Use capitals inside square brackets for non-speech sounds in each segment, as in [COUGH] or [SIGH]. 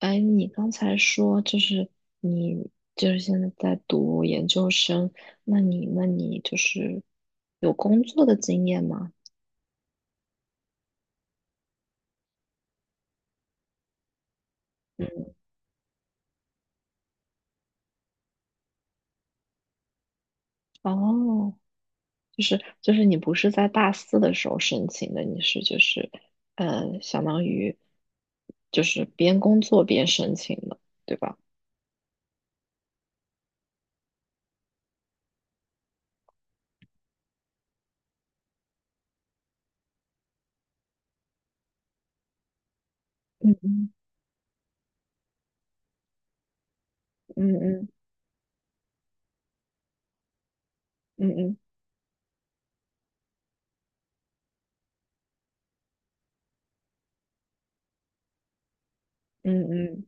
哎，你刚才说就是你就是现在在读研究生，那你就是有工作的经验吗？嗯，哦，就是你不是在大四的时候申请的，你是就是相当于就是边工作边申请的，对吧？嗯嗯嗯嗯嗯嗯嗯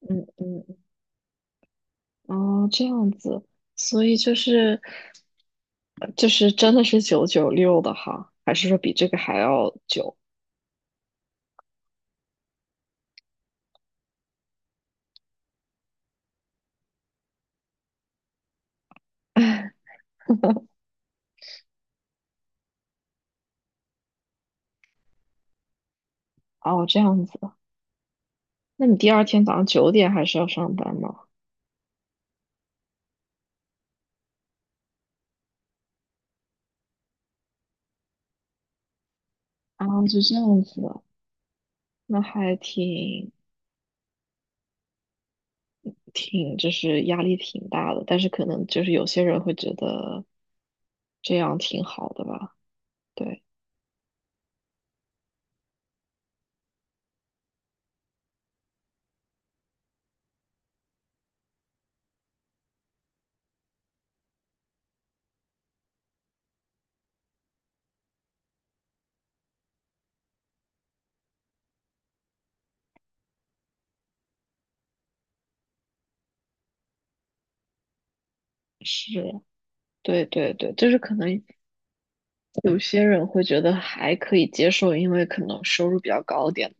嗯嗯嗯哦，这样子，所以就是真的是九九六的哈，还是说比这个还要久？[LAUGHS] 哦，这样子，那你第二天早上9点还是要上班吗？啊，就这样子的，那还就是压力挺大的，但是可能就是有些人会觉得这样挺好的吧，对，是，对对对，就是可能。有些人会觉得还可以接受，因为可能收入比较高点，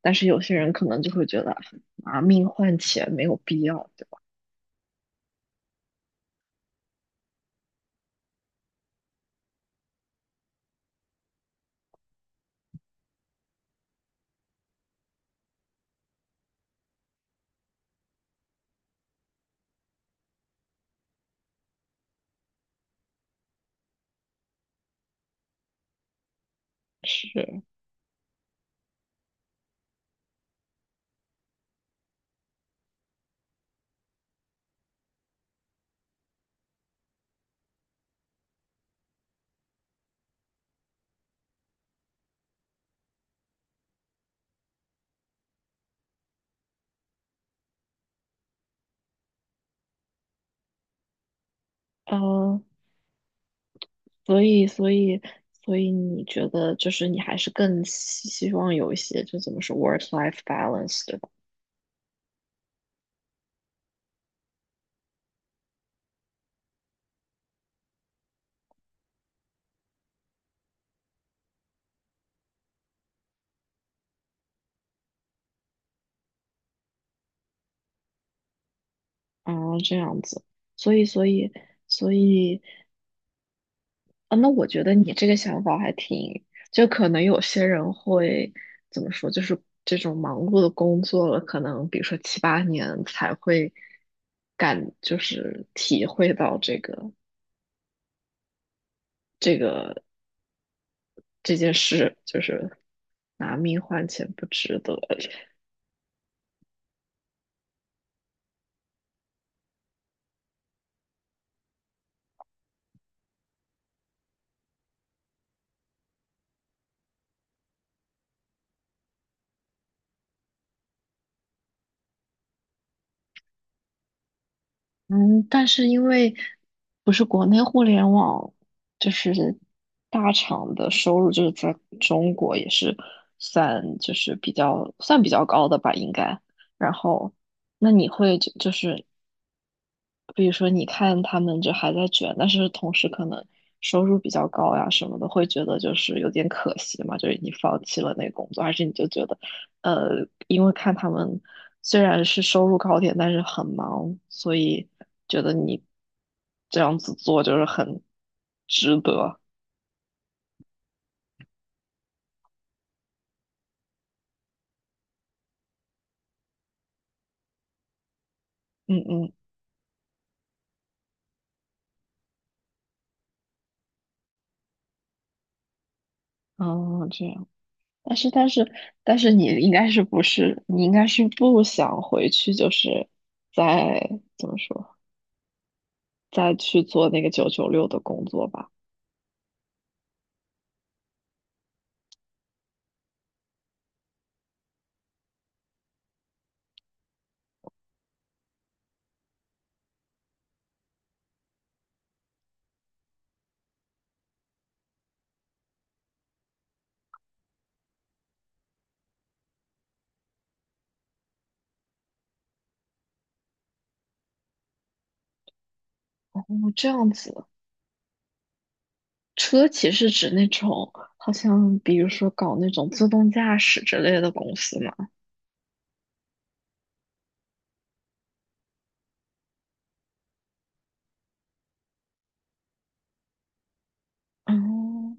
但是有些人可能就会觉得拿命换钱没有必要，对吧？是，呃，所以，所以，所以你觉得就是你还是更希望有一些就怎么说 work-life balance，对吧？啊，这样子，所以，所以，所以。啊，那我觉得你这个想法就可能有些人会怎么说，就是这种忙碌的工作了，可能比如说7、8年才会就是体会到这个这件事，就是拿命换钱不值得。嗯，但是因为不是国内互联网，就是大厂的收入，就是在中国也是算比较高的吧，应该。然后，那你会比如说你看他们就还在卷，但是同时可能收入比较高呀什么的，会觉得就是有点可惜嘛，就是你放弃了那个工作，还是你就觉得，因为看他们虽然是收入高点，但是很忙，所以觉得你这样子做就是很值得。嗯嗯哦，这样。但是但是但是你应该是不想回去，就是在怎么说？再去做那个九九六的工作吧。哦，这样子。车企是指那种好像比如说搞那种自动驾驶之类的公司嘛？哦，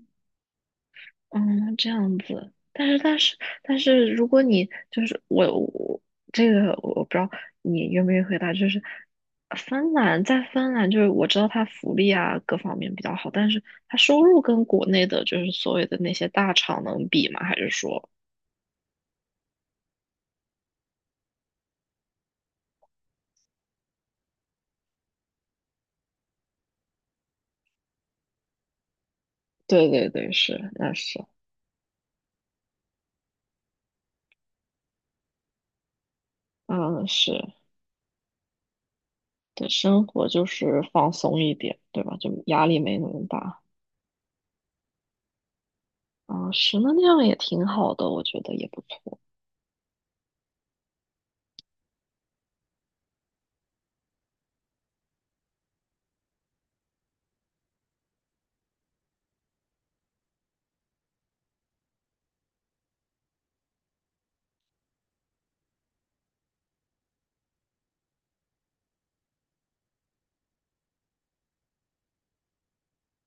嗯，这样子。但是，如果你就是我这个我不知道你愿不愿意回答，就是在芬兰，就是我知道它福利啊各方面比较好，但是它收入跟国内的就是所谓的那些大厂能比吗？还是说？对对对，是，那是。嗯，是，对，生活就是放松一点，对吧？就压力没那么大。啊，是，那样也挺好的，我觉得也不错。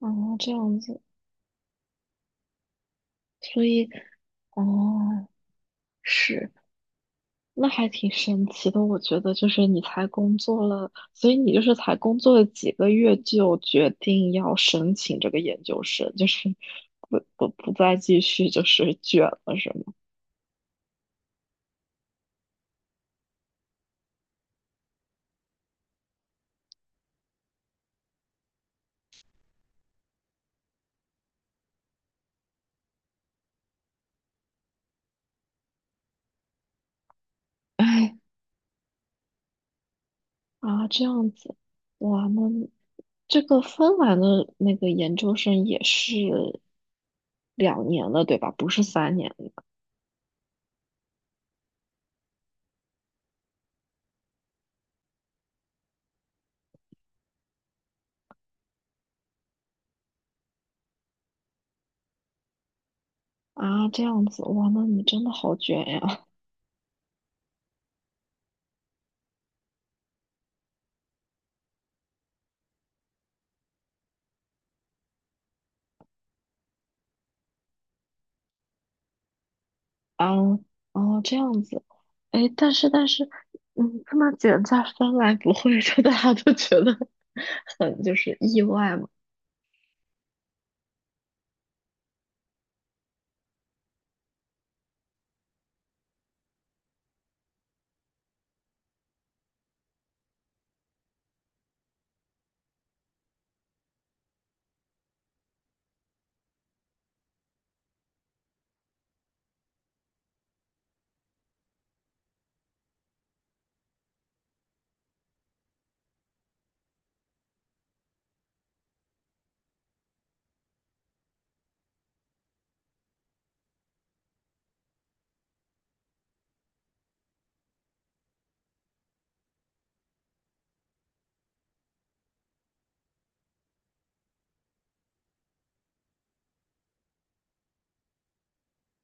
啊，这样子，所以，哦，是，那还挺神奇的。我觉得就是你才工作了，所以你就是才工作了几个月就决定要申请这个研究生，就是不再继续就是卷了，是吗？[LAUGHS] 啊，这样子，哇，那这个芬兰的那个研究生也是2年了，对吧？不是3年的。啊，这样子，哇，那你真的好卷呀！[LAUGHS] 啊，哦，这样子，哎，但是，嗯，这么卷在芬兰不会说大家都觉得 [LAUGHS] 很就是意外嘛？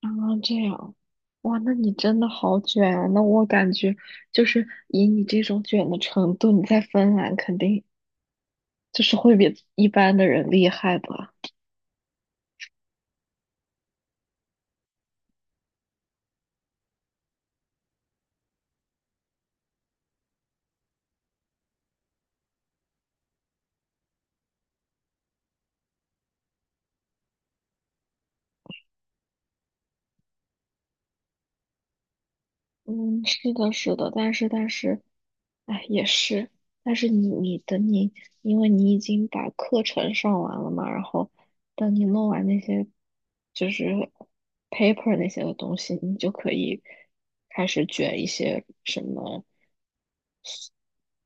啊，这样。哇，那你真的好卷啊！那我感觉就是以你这种卷的程度，你在芬兰肯定就是会比一般的人厉害吧？嗯，是的，是的，但是，哎，也是，但是等你，因为你已经把课程上完了嘛，然后等你弄完那些就是 paper 那些的东西，你就可以开始卷一些什么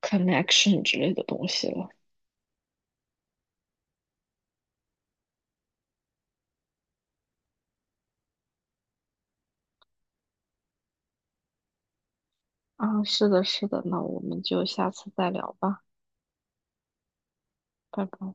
connection 之类的东西了。啊，是的，是的，那我们就下次再聊吧，拜拜。